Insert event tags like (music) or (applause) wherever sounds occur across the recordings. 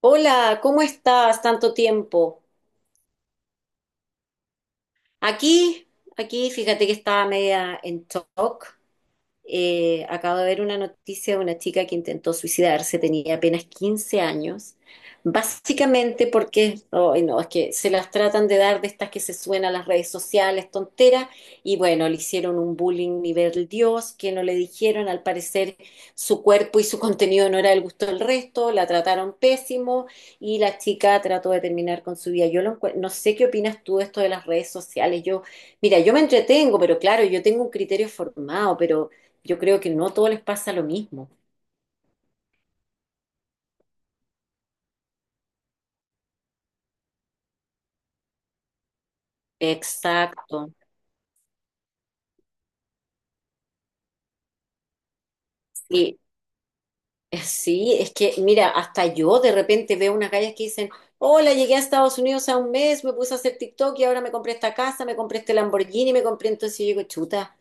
Hola, ¿cómo estás? Tanto tiempo. Aquí, aquí, fíjate que estaba media en shock. Acabo de ver una noticia de una chica que intentó suicidarse, tenía apenas 15 años, básicamente porque, ay, no, es que se las tratan de dar de estas que se suenan a las redes sociales, tontera, y bueno, le hicieron un bullying nivel Dios, que no le dijeron, al parecer su cuerpo y su contenido no era del gusto del resto, la trataron pésimo y la chica trató de terminar con su vida. No sé qué opinas tú de esto de las redes sociales, yo, mira, yo me entretengo, pero claro, yo tengo un criterio formado, pero... Yo creo que no todo les pasa lo mismo. Exacto. Sí, sí, es que, mira, hasta yo de repente veo unas gallas que dicen, hola, llegué a Estados Unidos a un mes, me puse a hacer TikTok y ahora me compré esta casa, me compré este Lamborghini, me compré, entonces yo digo, chuta,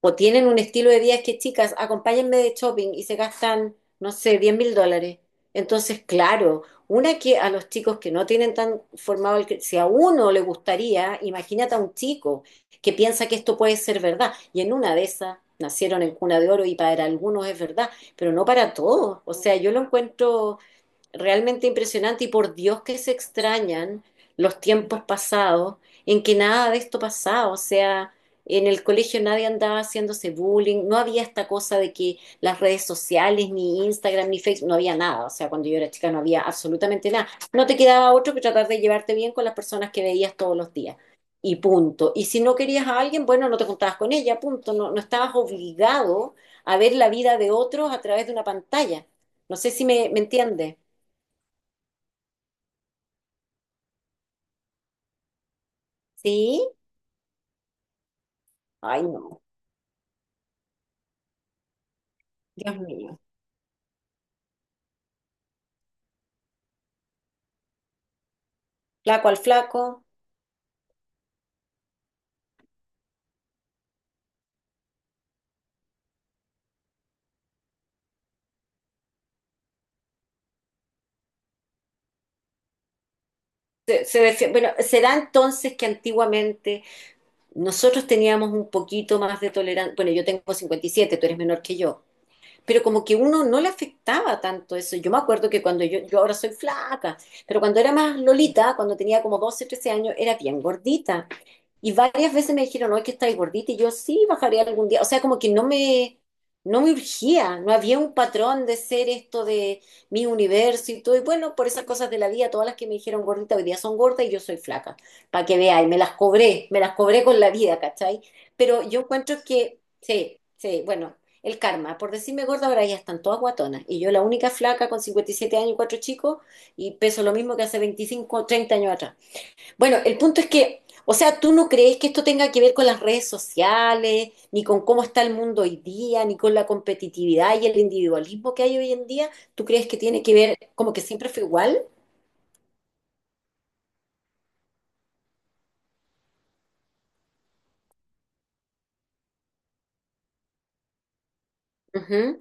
o tienen un estilo de vida es que, chicas, acompáñenme de shopping y se gastan, no sé, $10.000. Entonces, claro, una que a los chicos que no tienen tan formado si a uno le gustaría, imagínate a un chico que piensa que esto puede ser verdad. Y en una de esas nacieron en cuna de oro y para algunos es verdad, pero no para todos. O sea, yo lo encuentro realmente impresionante y por Dios que se extrañan los tiempos pasados en que nada de esto pasaba, o sea, en el colegio nadie andaba haciéndose bullying, no había esta cosa de que las redes sociales, ni Instagram, ni Facebook, no había nada, o sea, cuando yo era chica no había absolutamente nada. No te quedaba otro que tratar de llevarte bien con las personas que veías todos los días. Y punto. Y si no querías a alguien, bueno, no te juntabas con ella, punto. No, no estabas obligado a ver la vida de otros a través de una pantalla. No sé si me entiendes. ¿Sí? Ay, no, Dios mío. Flaco al flaco. Bueno, será entonces que antiguamente nosotros teníamos un poquito más de tolerancia. Bueno, yo tengo 57, tú eres menor que yo. Pero como que uno no le afectaba tanto eso. Yo me acuerdo que cuando yo ahora soy flaca, pero cuando era más lolita, cuando tenía como 12 13 años, era bien gordita. Y varias veces me dijeron, no, es que estáis gordita, y yo sí bajaría algún día. O sea, como que no me urgía, no había un patrón de ser esto de mi universo y todo. Y bueno, por esas cosas de la vida, todas las que me dijeron gordita hoy día son gordas y yo soy flaca, para que veáis, me las cobré con la vida, ¿cachai? Pero yo encuentro que, sí, sí, bueno, el karma, por decirme gorda, ahora ya están todas guatonas. Y yo la única flaca con 57 años y cuatro chicos y peso lo mismo que hace 25 o 30 años atrás. Bueno, el punto es que, o sea, ¿tú no crees que esto tenga que ver con las redes sociales, ni con cómo está el mundo hoy día, ni con la competitividad y el individualismo que hay hoy en día? ¿Tú crees que tiene que ver como que siempre fue igual? Ujú,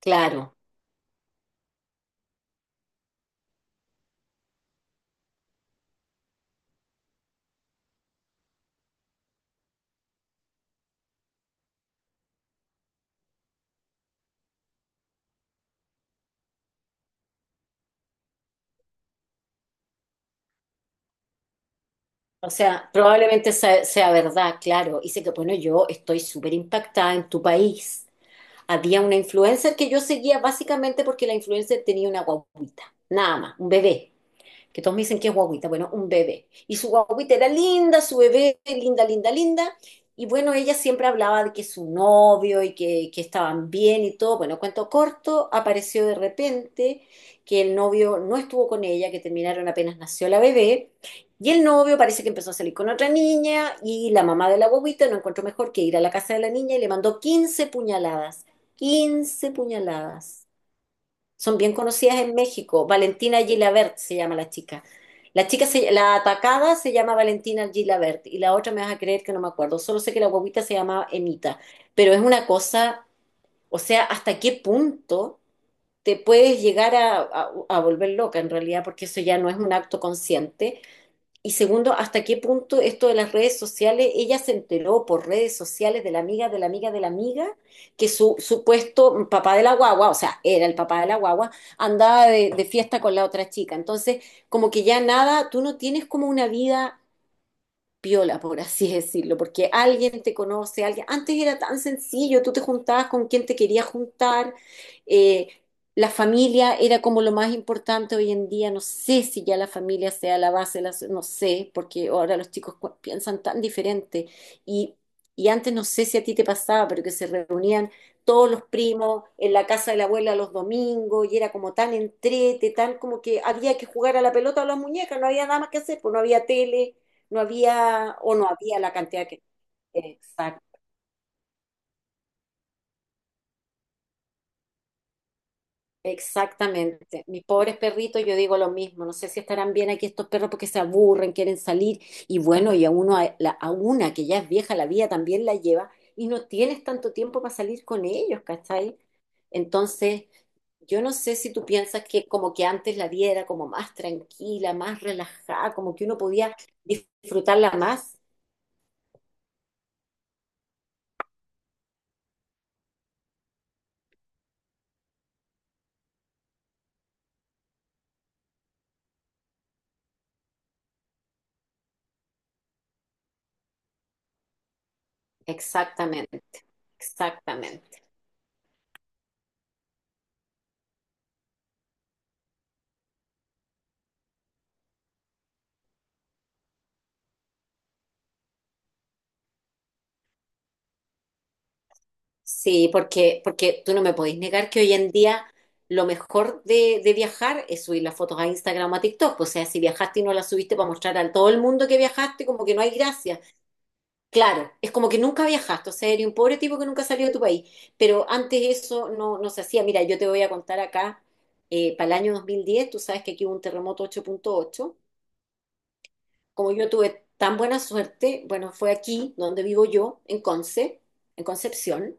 claro. O sea, probablemente sea verdad, claro. Y sé que, bueno, yo estoy súper impactada en tu país. Había una influencer que yo seguía básicamente porque la influencer tenía una guaguita, nada más, un bebé que todos me dicen que es guaguita, bueno, un bebé. Y su guaguita era linda, su bebé, linda, linda, linda. Y bueno, ella siempre hablaba de que su novio y que estaban bien y todo. Bueno, cuento corto, apareció de repente que el novio no estuvo con ella, que terminaron apenas nació la bebé. Y el novio parece que empezó a salir con otra niña y la mamá de la guaguita no encontró mejor que ir a la casa de la niña y le mandó 15 puñaladas. 15 puñaladas. Son bien conocidas en México. Valentina Gilabert se llama la chica. La atacada se llama Valentina Gilabert y la otra me vas a creer que no me acuerdo. Solo sé que la guaguita se llama Emita. Pero es una cosa, o sea, ¿hasta qué punto te puedes llegar a volver loca en realidad? Porque eso ya no es un acto consciente. Y segundo, ¿hasta qué punto esto de las redes sociales, ella se enteró por redes sociales de la amiga, de la amiga, de la amiga, que su supuesto papá de la guagua, o sea, era el papá de la guagua, andaba de fiesta con la otra chica. Entonces, como que ya nada, tú no tienes como una vida piola, por así decirlo, porque alguien te conoce, alguien, antes era tan sencillo, tú te juntabas con quien te querías juntar, eh, la familia era como lo más importante hoy en día, no sé si ya la familia sea la base, no sé, porque ahora los chicos piensan tan diferente y, y antes no sé si a ti te pasaba, pero que se reunían todos los primos en la casa de la abuela los domingos y era como tan entrete, tan como que había que jugar a la pelota o a las muñecas, no había nada más que hacer, pues no había tele. No había, o no había la cantidad que... Exact- exactamente. Mis pobres perritos, yo digo lo mismo. No sé si estarán bien aquí estos perros porque se aburren, quieren salir. Y bueno, y a uno, a una que ya es vieja, la vida también la lleva. Y no tienes tanto tiempo para salir con ellos, ¿cachai? Entonces, yo no sé si tú piensas que como que antes la vida era como más tranquila, más relajada, como que uno podía disfrutarla más. Exactamente, exactamente. Sí, porque tú no me podéis negar que hoy en día lo mejor de viajar es subir las fotos a Instagram o a TikTok. O sea, si viajaste y no las subiste para mostrar a todo el mundo que viajaste, como que no hay gracia. Claro, es como que nunca viajaste, o sea, eres un pobre tipo que nunca salió de tu país. Pero antes eso no, no se hacía. Mira, yo te voy a contar acá, para el año 2010. Tú sabes que aquí hubo un terremoto 8,8. Como yo tuve tan buena suerte, bueno, fue aquí donde vivo yo, en Conce, en Concepción.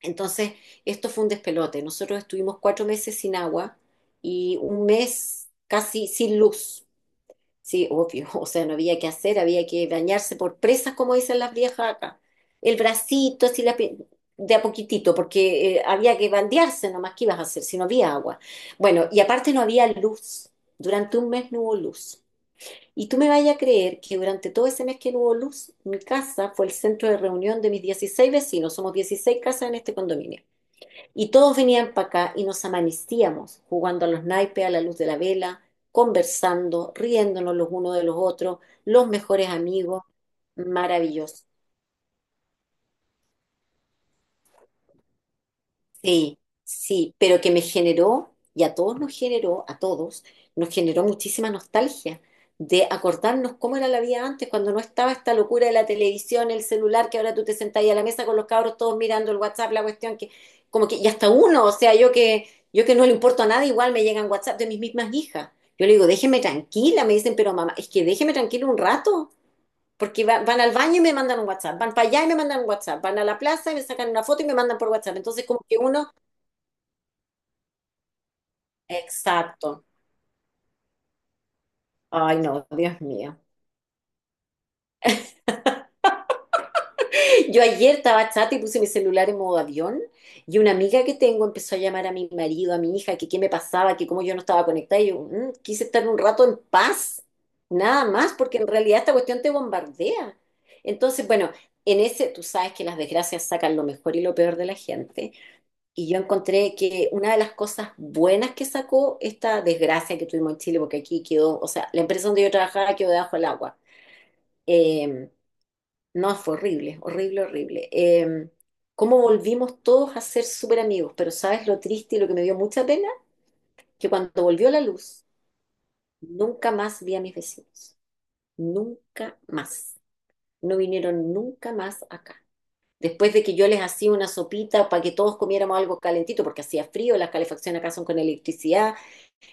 Entonces, esto fue un despelote. Nosotros estuvimos 4 meses sin agua y un mes casi sin luz. Sí, obvio, (laughs) o sea, no había que hacer, había que bañarse por presas, como dicen las viejas acá. El bracito, así de a poquitito, porque había que bandearse nomás, ¿qué ibas a hacer si no había agua? Bueno, y aparte no había luz. Durante un mes no hubo luz. Y tú me vayas a creer que durante todo ese mes que no hubo luz, mi casa fue el centro de reunión de mis 16 vecinos. Somos 16 casas en este condominio. Y todos venían para acá y nos amanecíamos jugando a los naipes a la luz de la vela, conversando, riéndonos los unos de los otros, los mejores amigos. Maravilloso. Sí, sí, pero que me generó, y a todos nos generó, a todos, nos generó muchísima nostalgia de acordarnos cómo era la vida antes, cuando no estaba esta locura de la televisión, el celular, que ahora tú te sentás ahí a la mesa con los cabros todos mirando el WhatsApp, la cuestión que, como que, y hasta uno, o sea, yo que no le importo a nadie, igual me llegan WhatsApp de mis mismas hijas. Yo le digo, déjeme tranquila, me dicen, pero mamá, es que déjeme tranquila un rato, porque van al baño y me mandan un WhatsApp, van para allá y me mandan un WhatsApp, van a la plaza y me sacan una foto y me mandan por WhatsApp. Entonces, como que uno. Exacto. Ay, no, Dios mío. Yo ayer estaba chata y puse mi celular en modo avión y una amiga que tengo empezó a llamar a mi marido, a mi hija, que qué me pasaba, que cómo yo no estaba conectada. Y yo "Mm, quise estar un rato en paz, nada más, porque en realidad esta cuestión te bombardea. Entonces, bueno, en ese tú sabes que las desgracias sacan lo mejor y lo peor de la gente. Y yo encontré que una de las cosas buenas que sacó esta desgracia que tuvimos en Chile, porque aquí quedó, o sea, la empresa donde yo trabajaba quedó debajo del agua. Eh, No, fue horrible, horrible, horrible. Cómo volvimos todos a ser súper amigos, pero ¿sabes lo triste y lo que me dio mucha pena? Que cuando volvió la luz, nunca más vi a mis vecinos. Nunca más. No vinieron nunca más acá. Después de que yo les hacía una sopita para que todos comiéramos algo calentito, porque hacía frío, las calefacciones acá son con electricidad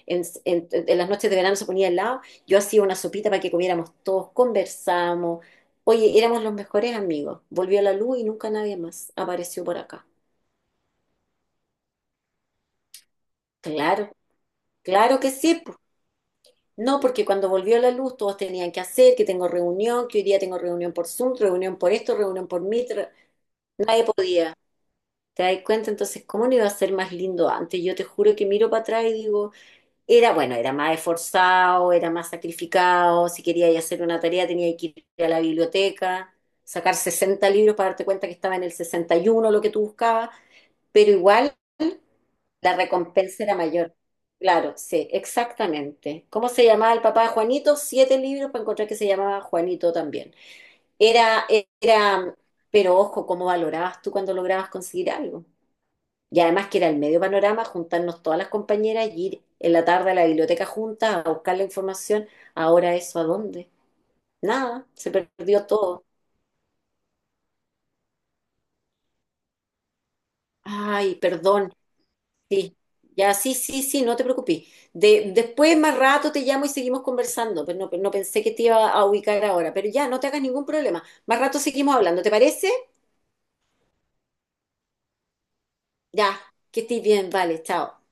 en las noches de verano se ponía al lado, yo hacía una sopita para que comiéramos todos, conversamos. Oye, éramos los mejores amigos. Volvió la luz y nunca nadie más apareció por acá. Claro, claro que sí. Po. No, porque cuando volvió la luz todos tenían que hacer, que tengo reunión, que hoy día tengo reunión por Zoom, reunión por esto, reunión por Meet, nadie podía. ¿Te das cuenta? Entonces, ¿cómo no iba a ser más lindo antes? Yo te juro que miro para atrás y digo... Era, bueno, era más esforzado, era más sacrificado. Si quería ir a hacer una tarea, tenía que ir a la biblioteca, sacar 60 libros para darte cuenta que estaba en el 61 lo que tú buscabas, pero igual la recompensa era mayor. Claro, sí, exactamente. ¿Cómo se llamaba el papá de Juanito? Siete libros para encontrar que se llamaba Juanito también. Era, Era, pero ojo, ¿cómo valorabas tú cuando lograbas conseguir algo? Y además que era el medio panorama juntarnos todas las compañeras y ir en la tarde a la biblioteca juntas a buscar la información. Ahora eso, ¿a dónde? Nada, se perdió todo. Ay, perdón. Sí, ya, sí, sí, sí, no te preocupes. Después, más rato, te llamo y seguimos conversando. Pero no, no pensé que te iba a ubicar ahora. Pero ya, no te hagas ningún problema. Más rato seguimos hablando, ¿te parece? Ya, que estés bien, vale, chao.